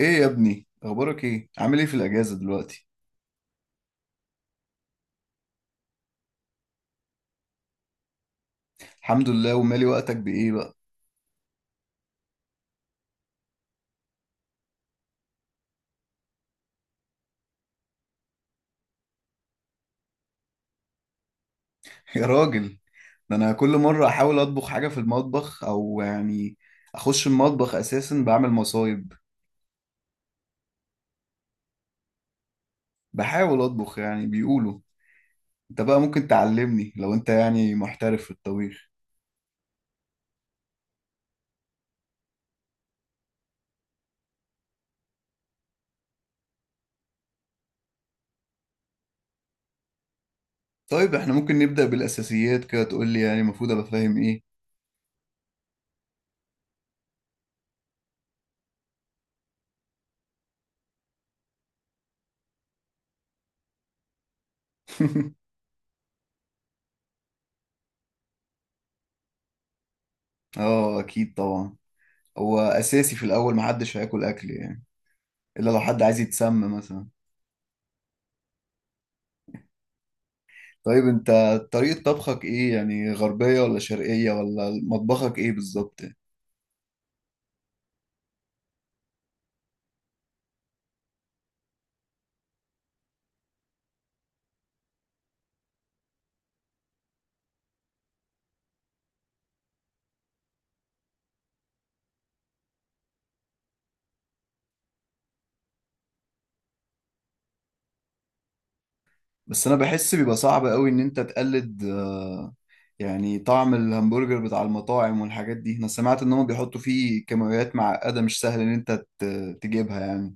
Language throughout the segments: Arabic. ايه يا ابني؟ اخبارك ايه؟ عامل ايه في الاجازه دلوقتي؟ الحمد لله. ومالي، وقتك بايه بقى؟ يا راجل، ده انا كل مره احاول اطبخ حاجه في المطبخ، او يعني اخش المطبخ اساسا بعمل مصايب. بحاول اطبخ يعني، بيقولوا انت بقى ممكن تعلمني لو انت يعني محترف في الطبيخ. طيب احنا ممكن نبدا بالاساسيات كده، تقول لي يعني المفروض ابقى فاهم ايه؟ اه، اكيد طبعا. هو اساسي في الاول محدش هياكل اكل يعني، الا لو حد عايز يتسمى مثلا. طيب انت، طريقة طبخك ايه؟ يعني غربية ولا شرقية؟ ولا مطبخك ايه بالظبط؟ بس انا بحس بيبقى صعب قوي ان انت تقلد، يعني طعم الهمبرجر بتاع المطاعم والحاجات دي. انا سمعت ان هم بيحطوا فيه كيماويات معقدة مش سهل ان انت تجيبها يعني.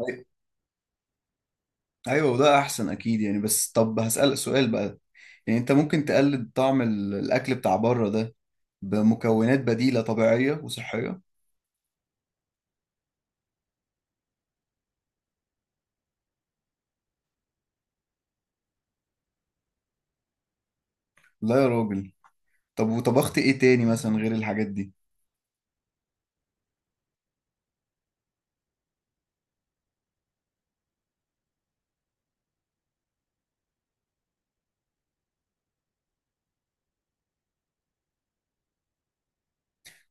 أي- ايوه، وده احسن اكيد يعني. بس طب هسألك سؤال بقى، يعني انت ممكن تقلد طعم الاكل بتاع بره ده بمكونات بديلة طبيعية وصحية؟ لا يا راجل. طب وطبخت ايه تاني مثلا غير الحاجات دي؟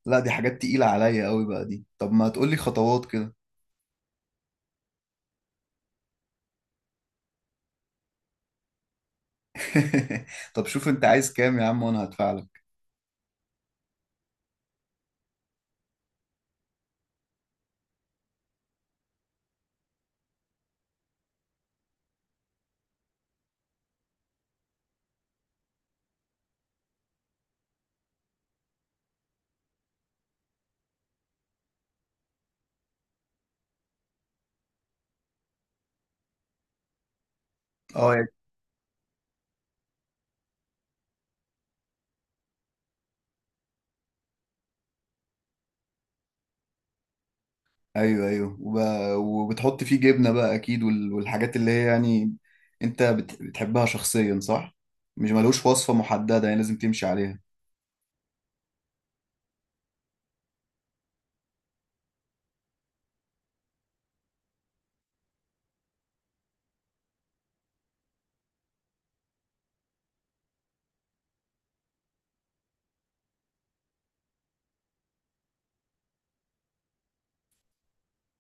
لا، دي حاجات تقيلة عليا قوي بقى دي. طب ما تقولي خطوات كده. طب شوف انت عايز كام يا عم وانا هدفع لك. اه يعني، ايوه ايوه، وبتحط فيه جبنة بقى اكيد، والحاجات اللي هي يعني انت بتحبها شخصيا، صح؟ مش ملوش وصفة محددة يعني لازم تمشي عليها؟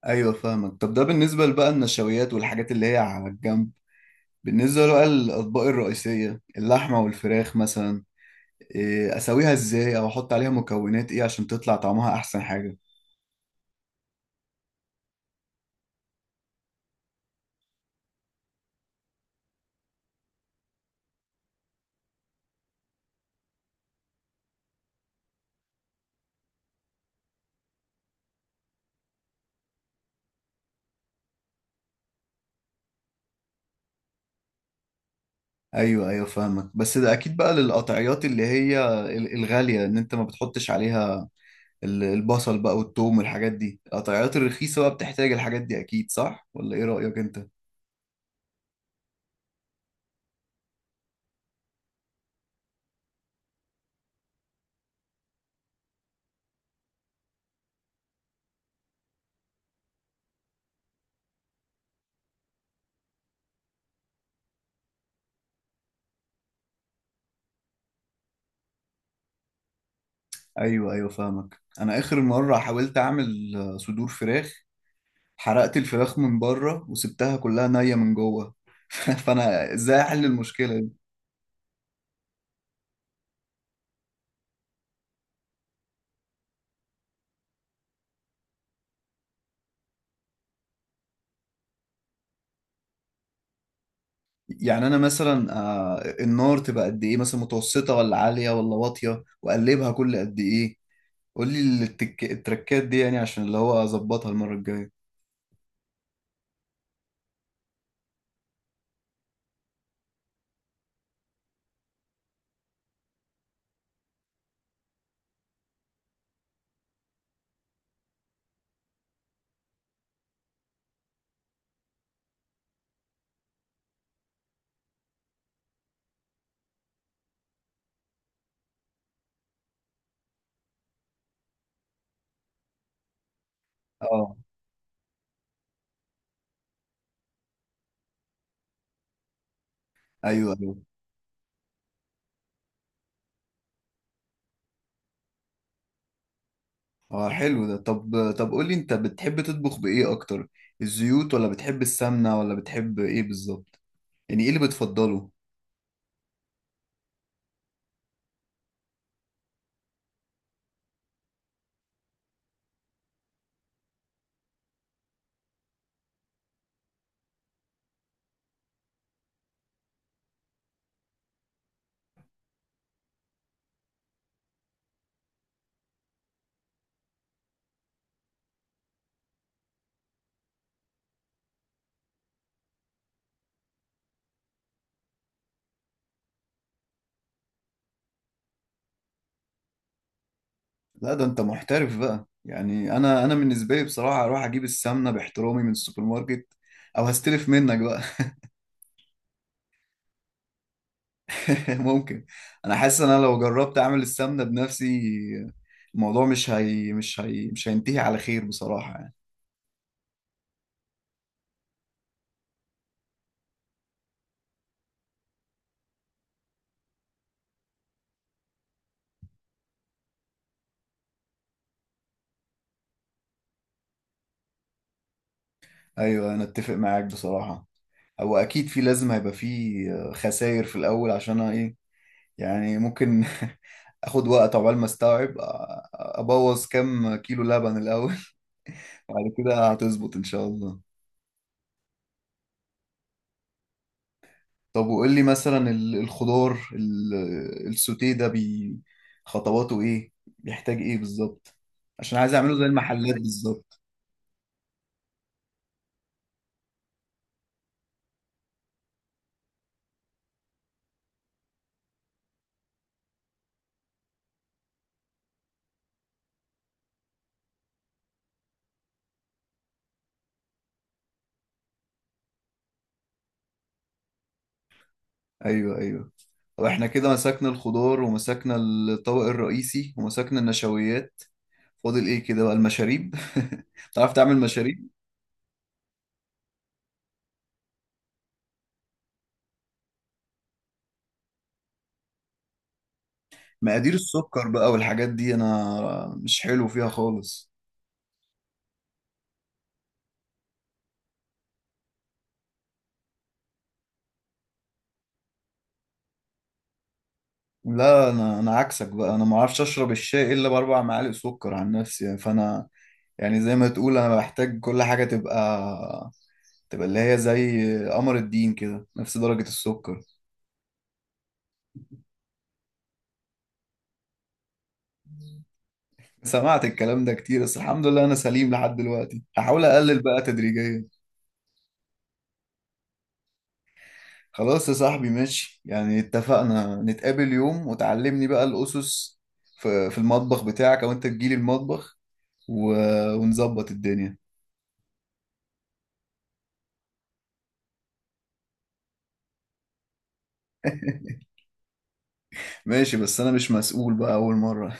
ايوه فاهمك. طب ده بالنسبة بقى النشويات والحاجات اللي هي على الجنب، بالنسبة بقى للأطباق الرئيسية اللحمة والفراخ مثلا، إيه، أسويها إزاي؟ أو أحط عليها مكونات إيه عشان تطلع طعمها أحسن حاجة؟ ايوه ايوه فاهمك. بس ده اكيد بقى للقطعيات اللي هي الغاليه ان انت ما بتحطش عليها البصل بقى والثوم والحاجات دي. القطعيات الرخيصه بقى بتحتاج الحاجات دي اكيد، صح ولا ايه رايك انت؟ ايوه ايوه فاهمك. انا اخر مره حاولت اعمل، صدور فراخ. حرقت الفراخ من بره وسبتها كلها نيه من جوه. فانا ازاي احل المشكله دي؟ يعني انا مثلا، النار تبقى قد ايه مثلا؟ متوسطه ولا عاليه ولا واطيه؟ واقلبها كل قد ايه؟ قول لي التركات دي يعني عشان اللي هو اظبطها المره الجايه. اه، ايوه ايوه. اه حلو ده. طب طب قول لي انت بتحب تطبخ بايه اكتر؟ الزيوت، ولا بتحب السمنه، ولا بتحب ايه بالظبط؟ يعني ايه اللي بتفضله؟ لا، ده انت محترف بقى يعني. انا بالنسبه لي بصراحه اروح اجيب السمنه باحترامي من السوبر ماركت، او هستلف منك بقى. ممكن. انا حاسس ان انا لو جربت اعمل السمنه بنفسي الموضوع مش هينتهي على خير بصراحه يعني. ايوه انا اتفق معاك بصراحه. هو اكيد في لازم هيبقى في خسائر في الاول، عشان أنا ايه يعني، ممكن اخد وقت عقبال ما استوعب، ابوظ كام كيلو لبن الاول. وبعد كده هتظبط ان شاء الله. طب وقول لي مثلا الخضار السوتيه ده، خطواته ايه؟ بيحتاج ايه بالظبط؟ عشان عايز اعمله زي المحلات بالظبط. ايوه ايوه. واحنا كده مسكنا الخضار ومسكنا الطبق الرئيسي ومسكنا النشويات، فاضل ايه كده بقى؟ المشاريب. تعرف تعمل مشاريب؟ مقادير السكر بقى والحاجات دي انا مش حلو فيها خالص. لا، انا عكسك بقى. انا ما اعرفش اشرب الشاي الا بـ4 معالق سكر عن نفسي يعني. فانا يعني زي ما تقول انا بحتاج كل حاجه تبقى اللي هي زي قمر الدين كده، نفس درجه السكر. سمعت الكلام ده كتير بس الحمد لله انا سليم لحد دلوقتي. هحاول اقلل بقى تدريجيا. خلاص يا صاحبي ماشي. يعني اتفقنا، نتقابل يوم وتعلمني بقى الأسس في المطبخ بتاعك، أو أنت تجيلي المطبخ، و... ونظبط الدنيا. ماشي. بس أنا مش مسؤول بقى أول مرة.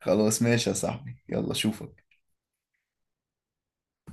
خلاص ماشي يا صاحبي، يلا أشوفك.